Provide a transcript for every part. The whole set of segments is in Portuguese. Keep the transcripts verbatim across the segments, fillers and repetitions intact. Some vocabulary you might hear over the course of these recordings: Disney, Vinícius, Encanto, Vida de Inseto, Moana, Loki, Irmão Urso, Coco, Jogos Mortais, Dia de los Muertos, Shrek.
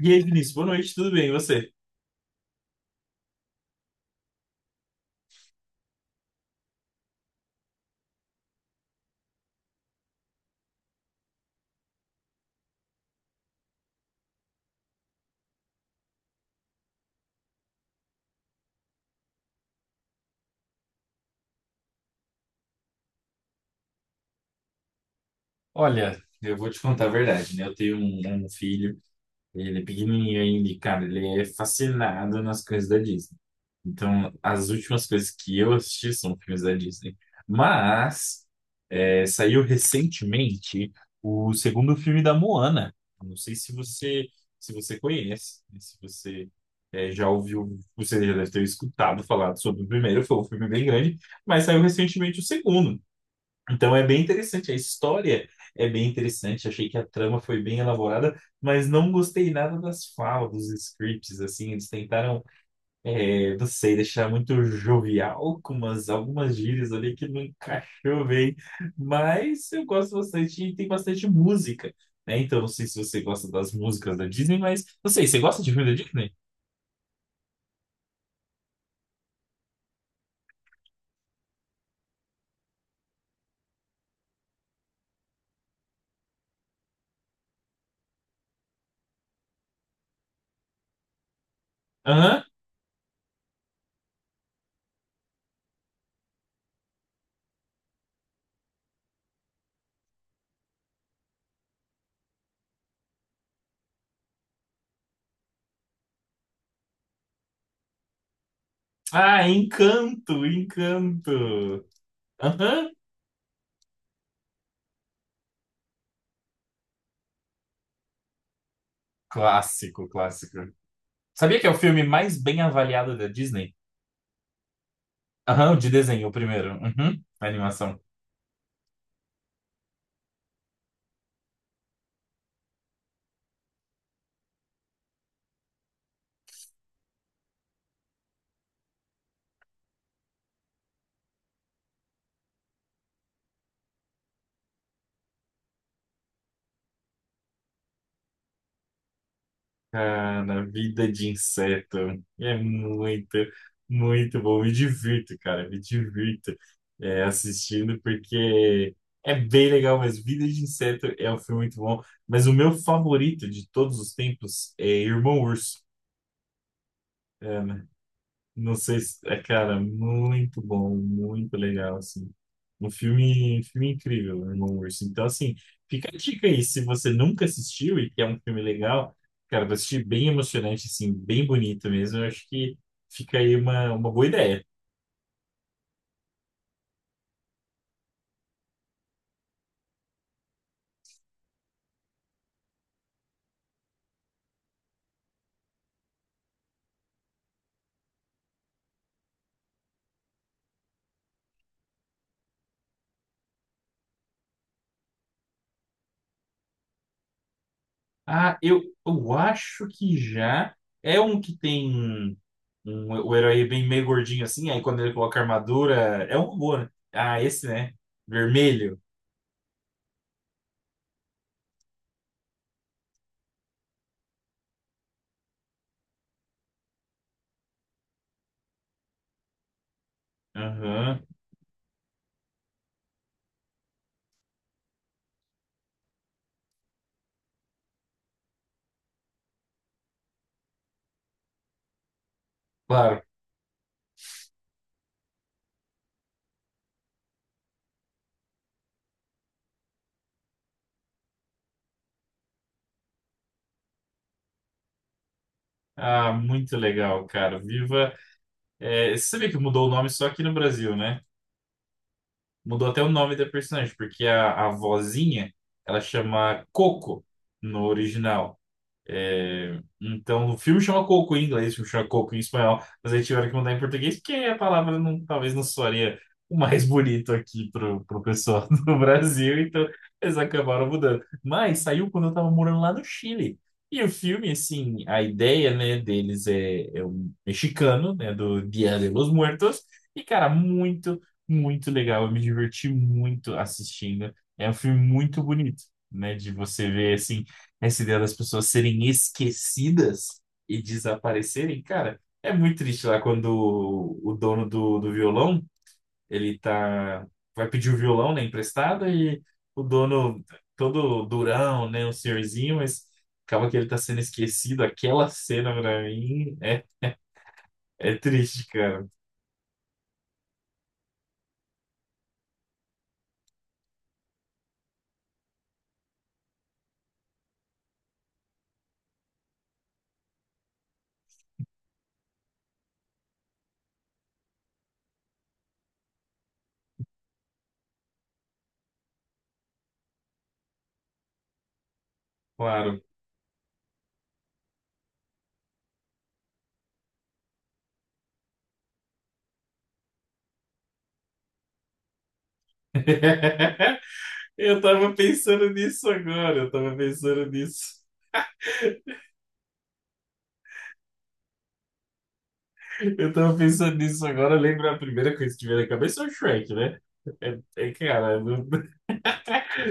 E aí, Vinícius, boa noite, tudo bem? E você? Olha, eu vou te contar a verdade, né? Eu tenho um, um filho, ele é pequenininho ainda, e, cara, ele é fascinado nas coisas da Disney. Então, as últimas coisas que eu assisti são filmes da Disney. Mas, é, saiu recentemente o segundo filme da Moana. Não sei se você, se você conhece, né? se você é, já ouviu, você já deve ter escutado falar sobre o primeiro, foi um filme bem grande, mas saiu recentemente o segundo. Então é bem interessante, a história é bem interessante, achei que a trama foi bem elaborada, mas não gostei nada das falas, dos scripts, assim, eles tentaram, é, não sei, deixar muito jovial com umas, algumas gírias ali que não encaixou bem, mas eu gosto bastante e tem bastante música, né? Então não sei se você gosta das músicas da Disney, mas não sei, você gosta de filme da Disney? Aham. Ah, Encanto, Encanto. Aham. Clássico, clássico. Sabia que é o filme mais bem avaliado da Disney? Aham, o de desenho, o primeiro. Uhum, a animação. Cara, vida de inseto. É muito, muito bom. Me divirto, cara. Me divirto é, assistindo, porque é bem legal, mas Vida de Inseto é um filme muito bom. Mas o meu favorito de todos os tempos é Irmão Urso. É, não sei se... É, cara, muito bom, muito legal, assim. Um filme, um filme incrível, Irmão Urso. Então, assim, fica a dica aí. Se você nunca assistiu e quer um filme legal, cara, vai assistir bem emocionante, assim, bem bonito mesmo. Eu acho que fica aí uma, uma boa ideia. Ah, eu, eu acho que já é um que tem um, o herói bem meio gordinho, assim, aí quando ele coloca a armadura, é um robô, né? Ah, esse, né? Vermelho. Aham. Claro. Ah, muito legal, cara. Viva. É, você sabia que mudou o nome só aqui no Brasil, né? Mudou até o nome da personagem, porque a, a vozinha ela chama Coco no original. É, então, o filme chama Coco em inglês, o filme chama Coco em espanhol, mas aí tiveram que mandar em português, porque a palavra não- talvez não soaria o mais bonito aqui pro, pro pessoal do Brasil, então eles acabaram mudando. Mas saiu quando eu tava morando lá no Chile. E o filme, assim, a ideia, né, deles é, é um mexicano, né, do Dia de los Muertos, e, cara, muito, muito legal, eu me diverti muito assistindo. É um filme muito bonito, né, de você ver, assim, essa ideia das pessoas serem esquecidas e desaparecerem, cara, é muito triste lá quando o, o dono do, do violão, ele tá, vai pedir o violão, né, emprestado, e o dono, todo durão, né, um senhorzinho, mas acaba que ele tá sendo esquecido. Aquela cena pra mim é, é triste, cara, claro. Eu tava pensando nisso agora, eu tava pensando nisso. Eu tava pensando nisso agora, lembra a primeira coisa que me veio na cabeça é o Shrek, né? É, é, cara, não,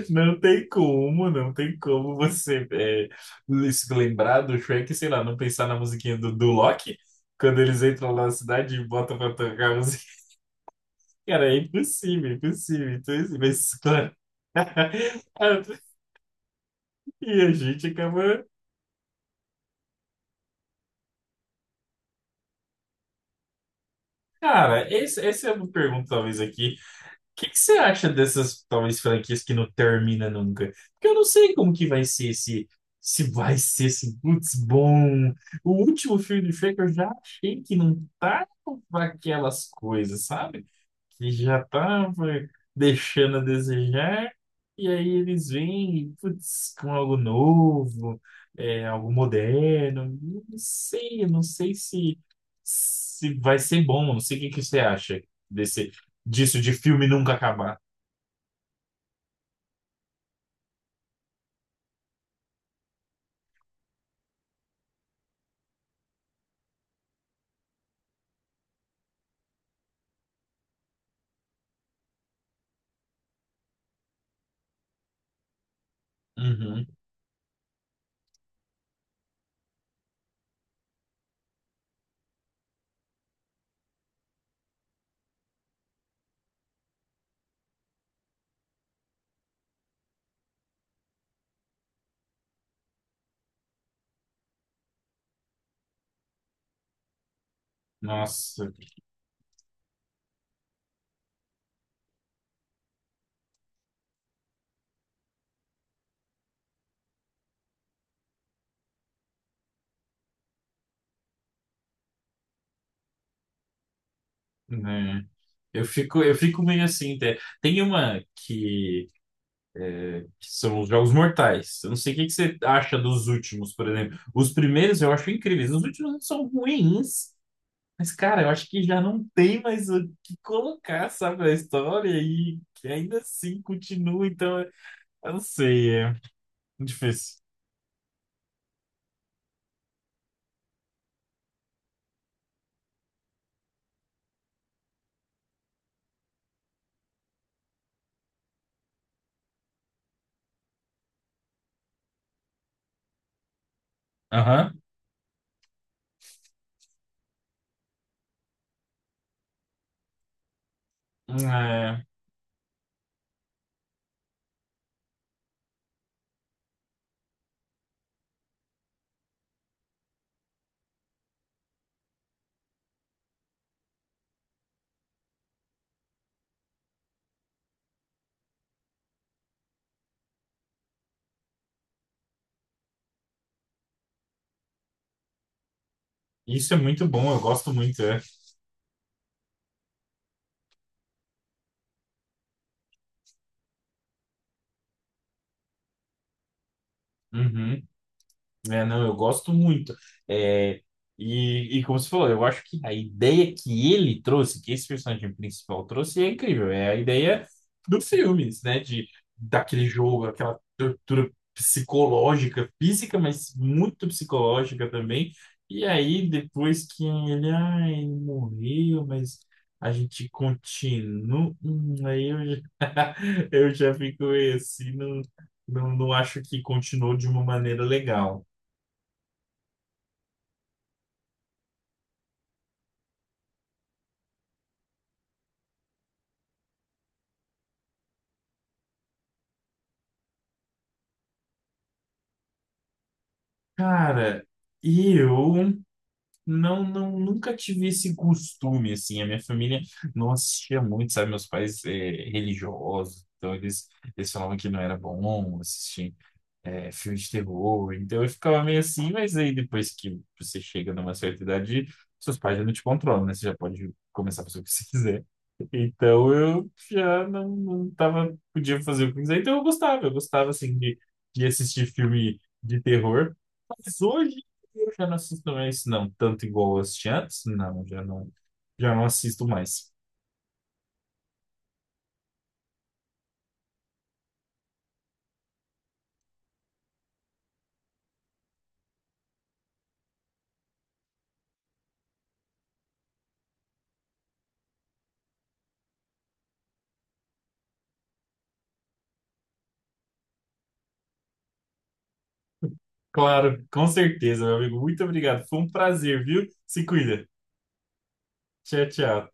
não tem como, não tem como você é, se lembrar do Shrek, sei lá, não pensar na musiquinha do, do Loki, quando eles entram lá na cidade e botam pra tocar a música. Cara, é impossível, impossível. Então, assim, mas, claro. E a gente acaba. Cara, esse, essa é uma pergunta, talvez, aqui. O que que você acha dessas, talvez, franquias que não termina nunca? Porque eu não sei como que vai ser esse... Se vai ser esse, putz, bom. O último filme do Shrek eu já achei que não tá com aquelas coisas, sabe? Que já estava deixando a desejar, e aí eles vêm, putz, com algo novo, é, algo moderno. Não sei, não sei se, se vai ser bom. Não sei o que que você acha desse, disso de filme nunca acabar. Uhum. Nossa, né? Eu fico, eu fico meio assim, até. Tem uma que que são os Jogos Mortais. Eu não sei o que que você acha dos últimos, por exemplo. Os primeiros eu acho incríveis, os últimos são ruins, mas, cara, eu acho que já não tem mais o que colocar, sabe, a história e que ainda assim continua, então, eu não sei, é difícil. Aham. É, isso é muito bom, eu gosto muito, é. Uhum. É, não, eu gosto muito. É, e, e como você falou, eu acho que a ideia que ele trouxe, que esse personagem principal trouxe, é incrível. É a ideia do filme, né? De, daquele jogo, aquela tortura psicológica, física, mas muito psicológica também. E aí, depois que ele, ai, morreu, mas a gente continua. Hum, aí eu já, eu já fico assim não, não, não acho que continuou de uma maneira legal. Cara, eu não, não nunca tive esse costume, assim. A minha família não assistia muito, sabe? Meus pais é, religiosos, então eles, eles falavam que não era bom assistir é, filmes de terror. Então eu ficava meio assim, mas aí depois que você chega numa certa idade, seus pais já não te controlam, né? Você já pode começar a fazer o que você quiser. Então eu já não, não tava, podia fazer o que quiser. Então eu gostava, eu gostava assim de, de assistir filme de terror. Mas hoje eu já não assisto mais, não, tanto igual eu assisti antes, não, já não, já não assisto mais. Claro, com certeza, meu amigo. Muito obrigado. Foi um prazer, viu? Se cuida. Tchau, tchau.